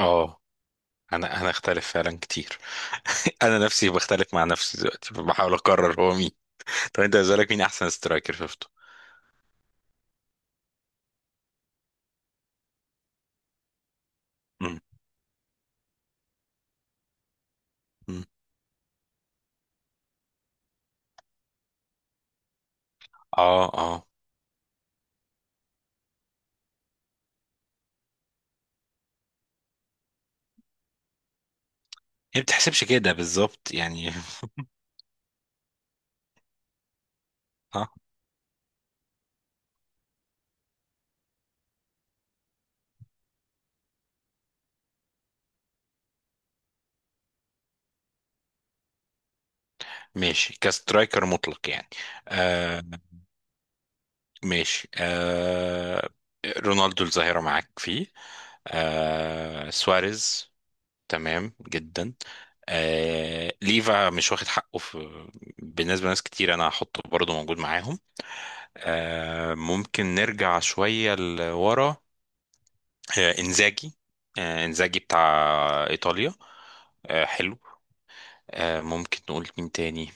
اه، انا اختلف فعلا كتير. انا نفسي بختلف مع نفسي دلوقتي، بحاول اقرر هو مين. طب انت بالنسبه لك مين احسن سترايكر شفته؟ مم. مم. اه اه. هي ما بتحسبش كده بالظبط يعني. اه ماشي، كسترايكر مطلق يعني. آه ماشي آه. رونالدو الظاهره معاك فيه. آه سواريز، تمام جدا. آه ليفا مش واخد حقه. في بالنسبه لناس كتير انا هحطه برضه موجود معاهم. آه، ممكن نرجع شوية لورا. آه، إنزاجي. آه، إنزاجي بتاع إيطاليا. آه، حلو. آه، ممكن نقول مين تاني.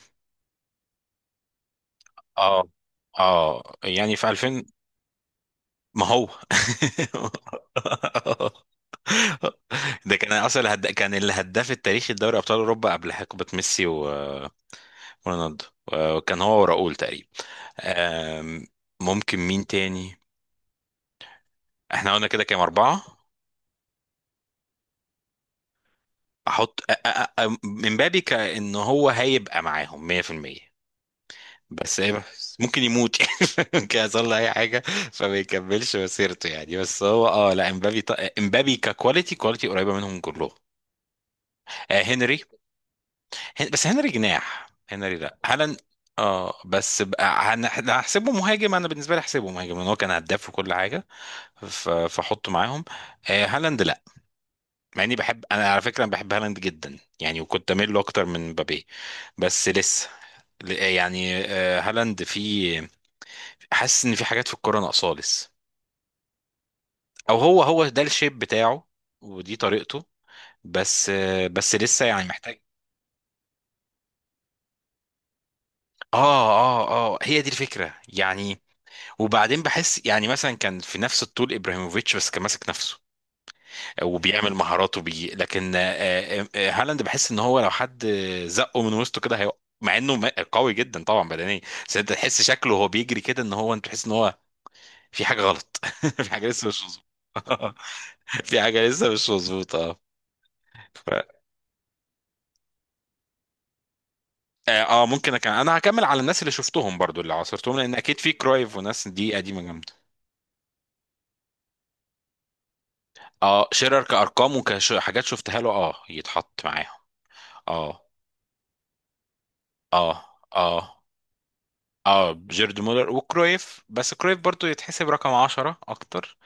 اه اه، يعني في 2000. ما هو ده كان اصلا كان الهداف التاريخي لدوري ابطال اوروبا قبل حقبه ميسي ورونالدو. وكان هو وراؤول تقريبا. آم، ممكن مين تاني. احنا قلنا كده كام، اربعه. احط من بابي كأن هو هيبقى معاهم 100%. بس ممكن يموت يعني ممكن يحصل له اي حاجه فما يكملش مسيرته يعني. بس هو اه لا امبابي امبابي ككواليتي، كواليتي قريبه منهم كلهم. آه هنري. بس هنري جناح، هنري لا هالاند. اه بس بقى هحسبه مهاجم، انا بالنسبه لي احسبه مهاجم لان هو كان هداف وكل حاجه. فاحطه معاهم. آه هالاند لا، مع اني بحب، انا على فكره أنا بحب هالاند جدا يعني، وكنت اميل له اكتر من مبابي. بس لسه يعني آه، هالاند، في حاسس ان في حاجات في الكوره ناقصاه لسه، او هو هو ده الشيب بتاعه ودي طريقته. بس آه، بس لسه يعني محتاج. اه اه اه، هي دي الفكره يعني. وبعدين بحس يعني مثلا كان في نفس الطول ابراهيموفيتش بس كان ماسك نفسه وبيعمل مهاراته بيه. لكن آه، آه، آه، هالاند بحس ان هو لو حد زقه من وسطه كده هيقع، مع انه قوي جدا طبعا بدنيا. بس انت تحس شكله وهو بيجري كده، ان هو انت تحس ان هو في حاجه غلط، في حاجه لسه مش مظبوطه. في حاجه لسه مش مظبوطه. ف... اه آه، ممكن أكمل. انا هكمل على الناس اللي شفتهم برضو، اللي عاصرتهم، لان اكيد في كرايف وناس دي قديمه جامده. اه شيرر كارقام وكحاجات شفتها له، اه يتحط معاهم. اه اه اه اه، جيرد مولر وكرويف. بس كرويف برضو يتحسب رقم عشرة اكتر.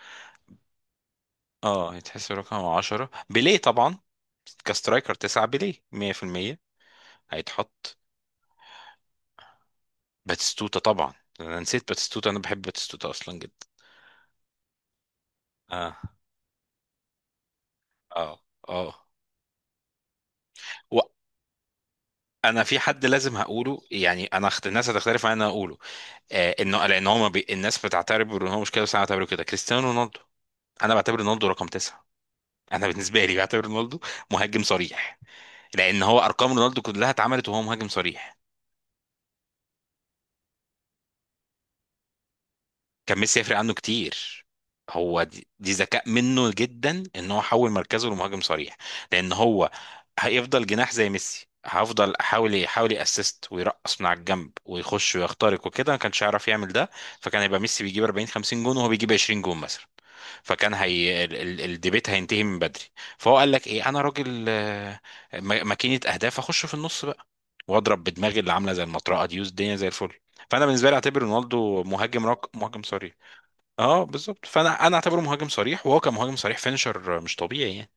اه يتحسب رقم عشرة. بيليه طبعا كسترايكر تسعة، بيليه مية في المية هيتحط. باتستوتا طبعا، انا نسيت باتستوتا، انا بحب باتستوتا اصلا جدا. اه اه اه. وانا في حد لازم هقوله يعني، انا الناس هتختلف معايا ان انا اقوله. آه، انه لان هو ما بي... الناس بتعتبر ان هو مش كده، بس انا بعتبره كده: كريستيانو رونالدو. انا بعتبر رونالدو رقم تسعة. انا بالنسبه لي بعتبر رونالدو مهاجم صريح، لان هو ارقام رونالدو كلها اتعملت وهو مهاجم صريح. كان ميسي يفرق عنه كتير. هو دي ذكاء منه جدا ان هو حول مركزه لمهاجم صريح. لان هو هيفضل جناح زي ميسي، هفضل احاول يحاول ياسست ويرقص من على الجنب ويخش ويخترق وكده، ما كانش هيعرف يعمل ده. فكان هيبقى ميسي بيجيب 40 50 جون وهو بيجيب 20 جون مثلا. فكان الديبيت هينتهي من بدري. فهو قال لك ايه، انا راجل آه، ماكينه اهداف، اخش في النص واضرب بدماغي اللي عامله زي المطرقه دي، والدنيا زي الفل. فانا بالنسبه لي اعتبر رونالدو مهاجم مهاجم صريح. اه بالظبط. فانا اعتبره مهاجم صريح، وهو كان مهاجم صريح فينشر مش طبيعي يعني.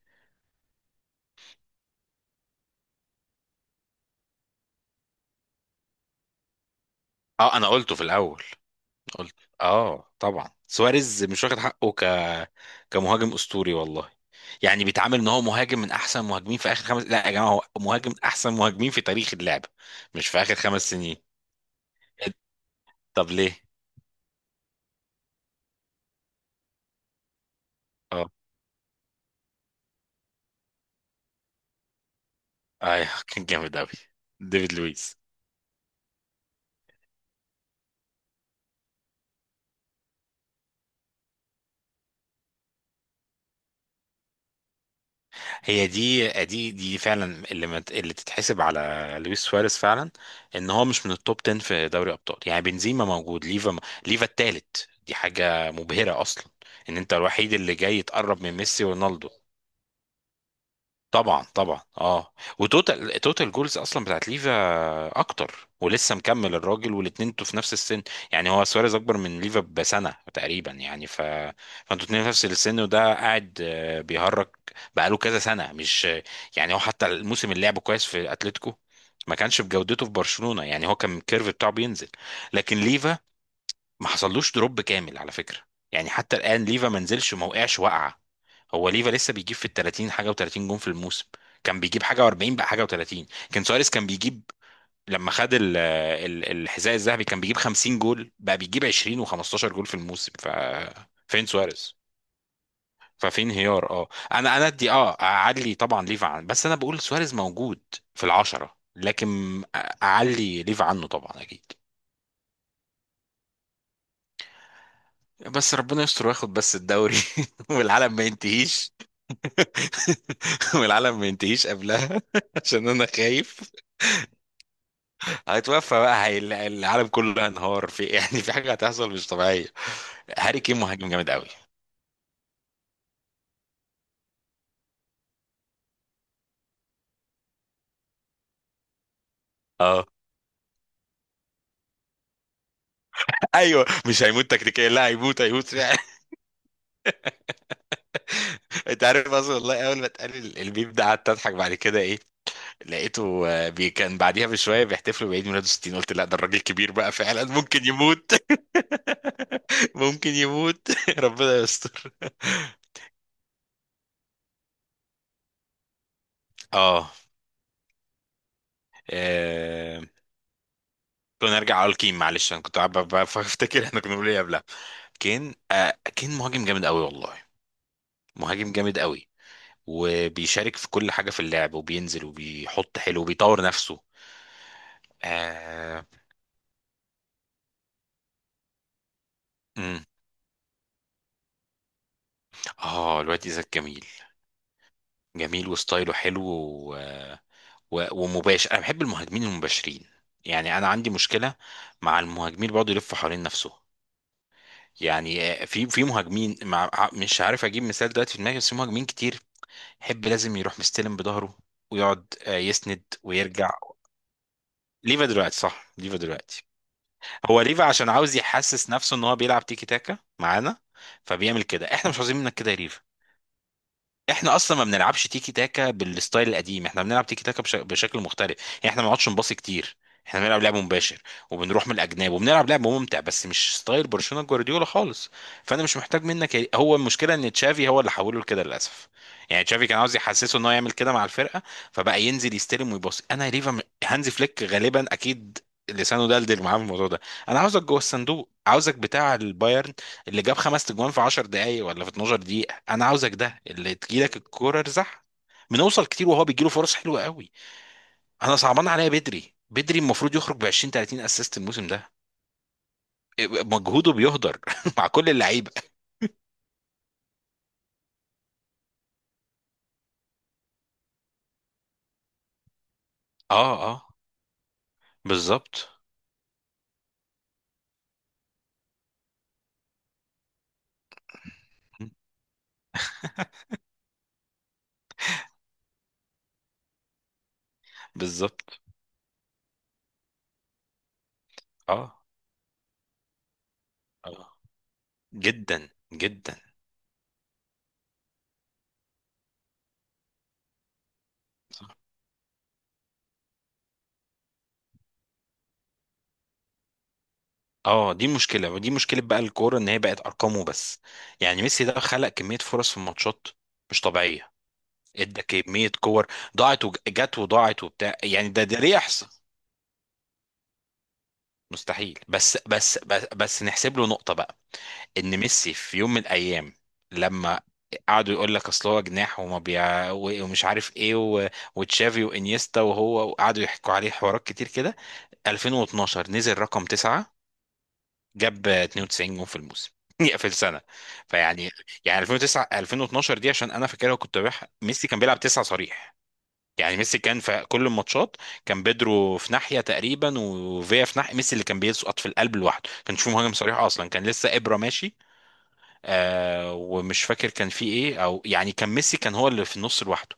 اه انا قلته في الاول، قلت. اه طبعا سواريز مش واخد حقه كمهاجم اسطوري والله. يعني بيتعامل ان هو مهاجم من احسن مهاجمين في اخر خمس. لا يا جماعه، هو مهاجم من احسن مهاجمين في تاريخ اللعبه، مش في اخر خمس سنين. طب ليه؟ اه ايوه كان جامد قوي، ديفيد لويس. هي دي فعلا اللي اللي تتحسب على لويس سواريز فعلا، ان هو مش من التوب 10 في دوري ابطال. يعني بنزيما موجود، ليفا ليفا التالت، دي حاجه مبهره اصلا، ان انت الوحيد اللي جاي تقرب من ميسي ورونالدو. طبعا طبعا اه. وتوتال توتال جولز اصلا بتاعت ليفا اكتر، ولسه مكمل الراجل، والاتنين انتوا في نفس السن. يعني هو سواريز اكبر من ليفا بسنه تقريبا يعني. فانتوا اتنين في نفس السن، وده قاعد آه، بيهرج بقاله كذا سنه، مش يعني. هو حتى الموسم اللي لعبه كويس في اتلتيكو ما كانش بجودته في برشلونه، يعني هو كان الكيرف بتاعه بينزل. لكن ليفا ما حصلوش دروب كامل على فكره، يعني حتى الان ليفا ما نزلش، ما وقعش وقعه. هو ليفا لسه بيجيب في ال 30 حاجه و30 جون في الموسم، كان بيجيب حاجه و40، بقى حاجه و30. كان سواريز كان بيجيب لما خد ال الحذاء الذهبي كان بيجيب 50 جول، بقى بيجيب 20 و15 جول في الموسم. فين سواريز؟ ففي انهيار اه. انا ادي، اه، اعلي طبعا ليفا عن، بس انا بقول سواريز موجود في العشرة، لكن اعلي ليفا عنه طبعا اكيد. بس ربنا يستر وياخد بس الدوري، والعالم ما ينتهيش، والعالم ما ينتهيش قبلها، عشان انا خايف هيتوفى بقى. هي العالم كله هينهار في يعني، في حاجه هتحصل مش طبيعيه. هاري كين مهاجم جامد قوي. اه ايوه مش هيموت تكتيكيا، لا هيموت هيموت فعلا. انت عارف اصلا والله اول ما اتقال الميم ده قعدت اضحك. بعد كده ايه، لقيته آه، بي كان بعديها بشويه بيحتفلوا بعيد ميلاده 60. قلت لا ده الراجل كبير بقى فعلا، ممكن يموت. ممكن يموت. ربنا يستر. اه كنا نرجع على الكين، معلش انا كنت قاعد بفتكر احنا كنا بنقول ايه قبلها. كين، آه كين مهاجم جامد قوي والله، مهاجم جامد قوي. وبيشارك في كل حاجه في اللعب، وبينزل وبيحط حلو وبيطور نفسه. اه. امم. اه، الواد ايزاك، جميل، جميل وستايله حلو ومباشر. انا بحب المهاجمين المباشرين. يعني انا عندي مشكله مع المهاجمين اللي بيقعدوا يلفوا حوالين نفسه. يعني آه، في مهاجمين مش عارف اجيب مثال دلوقتي في دماغي، بس في مهاجمين كتير حب لازم يروح مستلم بظهره، ويقعد آه، يسند ويرجع. ليفا دلوقتي، صح ليفا دلوقتي. هو ليفا عشان عاوز يحسس نفسه ان هو بيلعب تيكي تاكا معانا، فبيعمل كده. احنا مش عاوزين منك كده يا، احنا اصلا ما بنلعبش تيكي تاكا بالستايل القديم، احنا بنلعب تيكي تاكا بشكل مختلف يعني. احنا ما بنقعدش نباصي كتير، احنا بنلعب لعب مباشر وبنروح من الاجناب وبنلعب لعب ممتع، بس مش ستايل برشلونة جوارديولا خالص. فانا مش محتاج منك. هو المشكله ان تشافي هو اللي حوله لكده للاسف. يعني تشافي كان عاوز يحسسه ان هو يعمل كده مع الفرقه، فبقى ينزل يستلم ويباصي. انا ليفا هانزي فليك غالبا اكيد لسانه دلدل معاه في الموضوع ده. انا عاوزك جوه الصندوق، عاوزك بتاع البايرن اللي جاب خمس تجوان في 10 دقايق ولا في 12 دقيقة. انا عاوزك ده اللي تجيلك الكورة ارزح. بنوصل كتير، وهو بيجيله فرص حلوة قوي. انا صعبان عليا بدري. بدري المفروض يخرج ب 20 30 اسيست الموسم ده، مجهوده بيهدر مع كل اللعيبة. اه اه بالظبط. بالظبط اه اه. جدا جدا. اه دي مشكلة، ودي مشكلة بقى الكورة ان هي بقت ارقامه بس. يعني ميسي ده خلق كمية فرص في الماتشات مش طبيعية، ادى كمية كور ضاعت وجت وضاعت وبتاع. يعني ده ليه يحصل. مستحيل. بس بس نحسب له نقطة بقى، ان ميسي في يوم من الايام لما قعدوا يقول لك اصل هو جناح وما بيع ومش عارف ايه وتشافي وانيستا وهو، وقعدوا يحكوا عليه حوارات كتير كده، 2012 نزل رقم تسعة، جاب 92 جون في الموسم يا في السنة. فيعني، يعني 2009 2012 دي عشان انا فاكرها كنت ميسي كان بيلعب تسعة صريح. يعني ميسي كان في كل الماتشات، كان بيدرو في ناحيه تقريبا، وفيا في ناحيه، ميسي اللي كان بيسقط في القلب لوحده، كان شوف مهاجم صريح اصلا، كان لسه ابره ماشي. آه ومش فاكر كان في ايه، او يعني كان ميسي كان هو اللي في النص لوحده.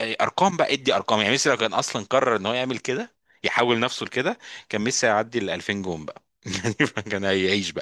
آه، ارقام بقى ادي ارقام. يعني ميسي لو كان اصلا قرر ان هو يعمل كده، يحول نفسه لكده، كان ميسي هيعدي ال 2000 جون بقى. يعني كان هيعيش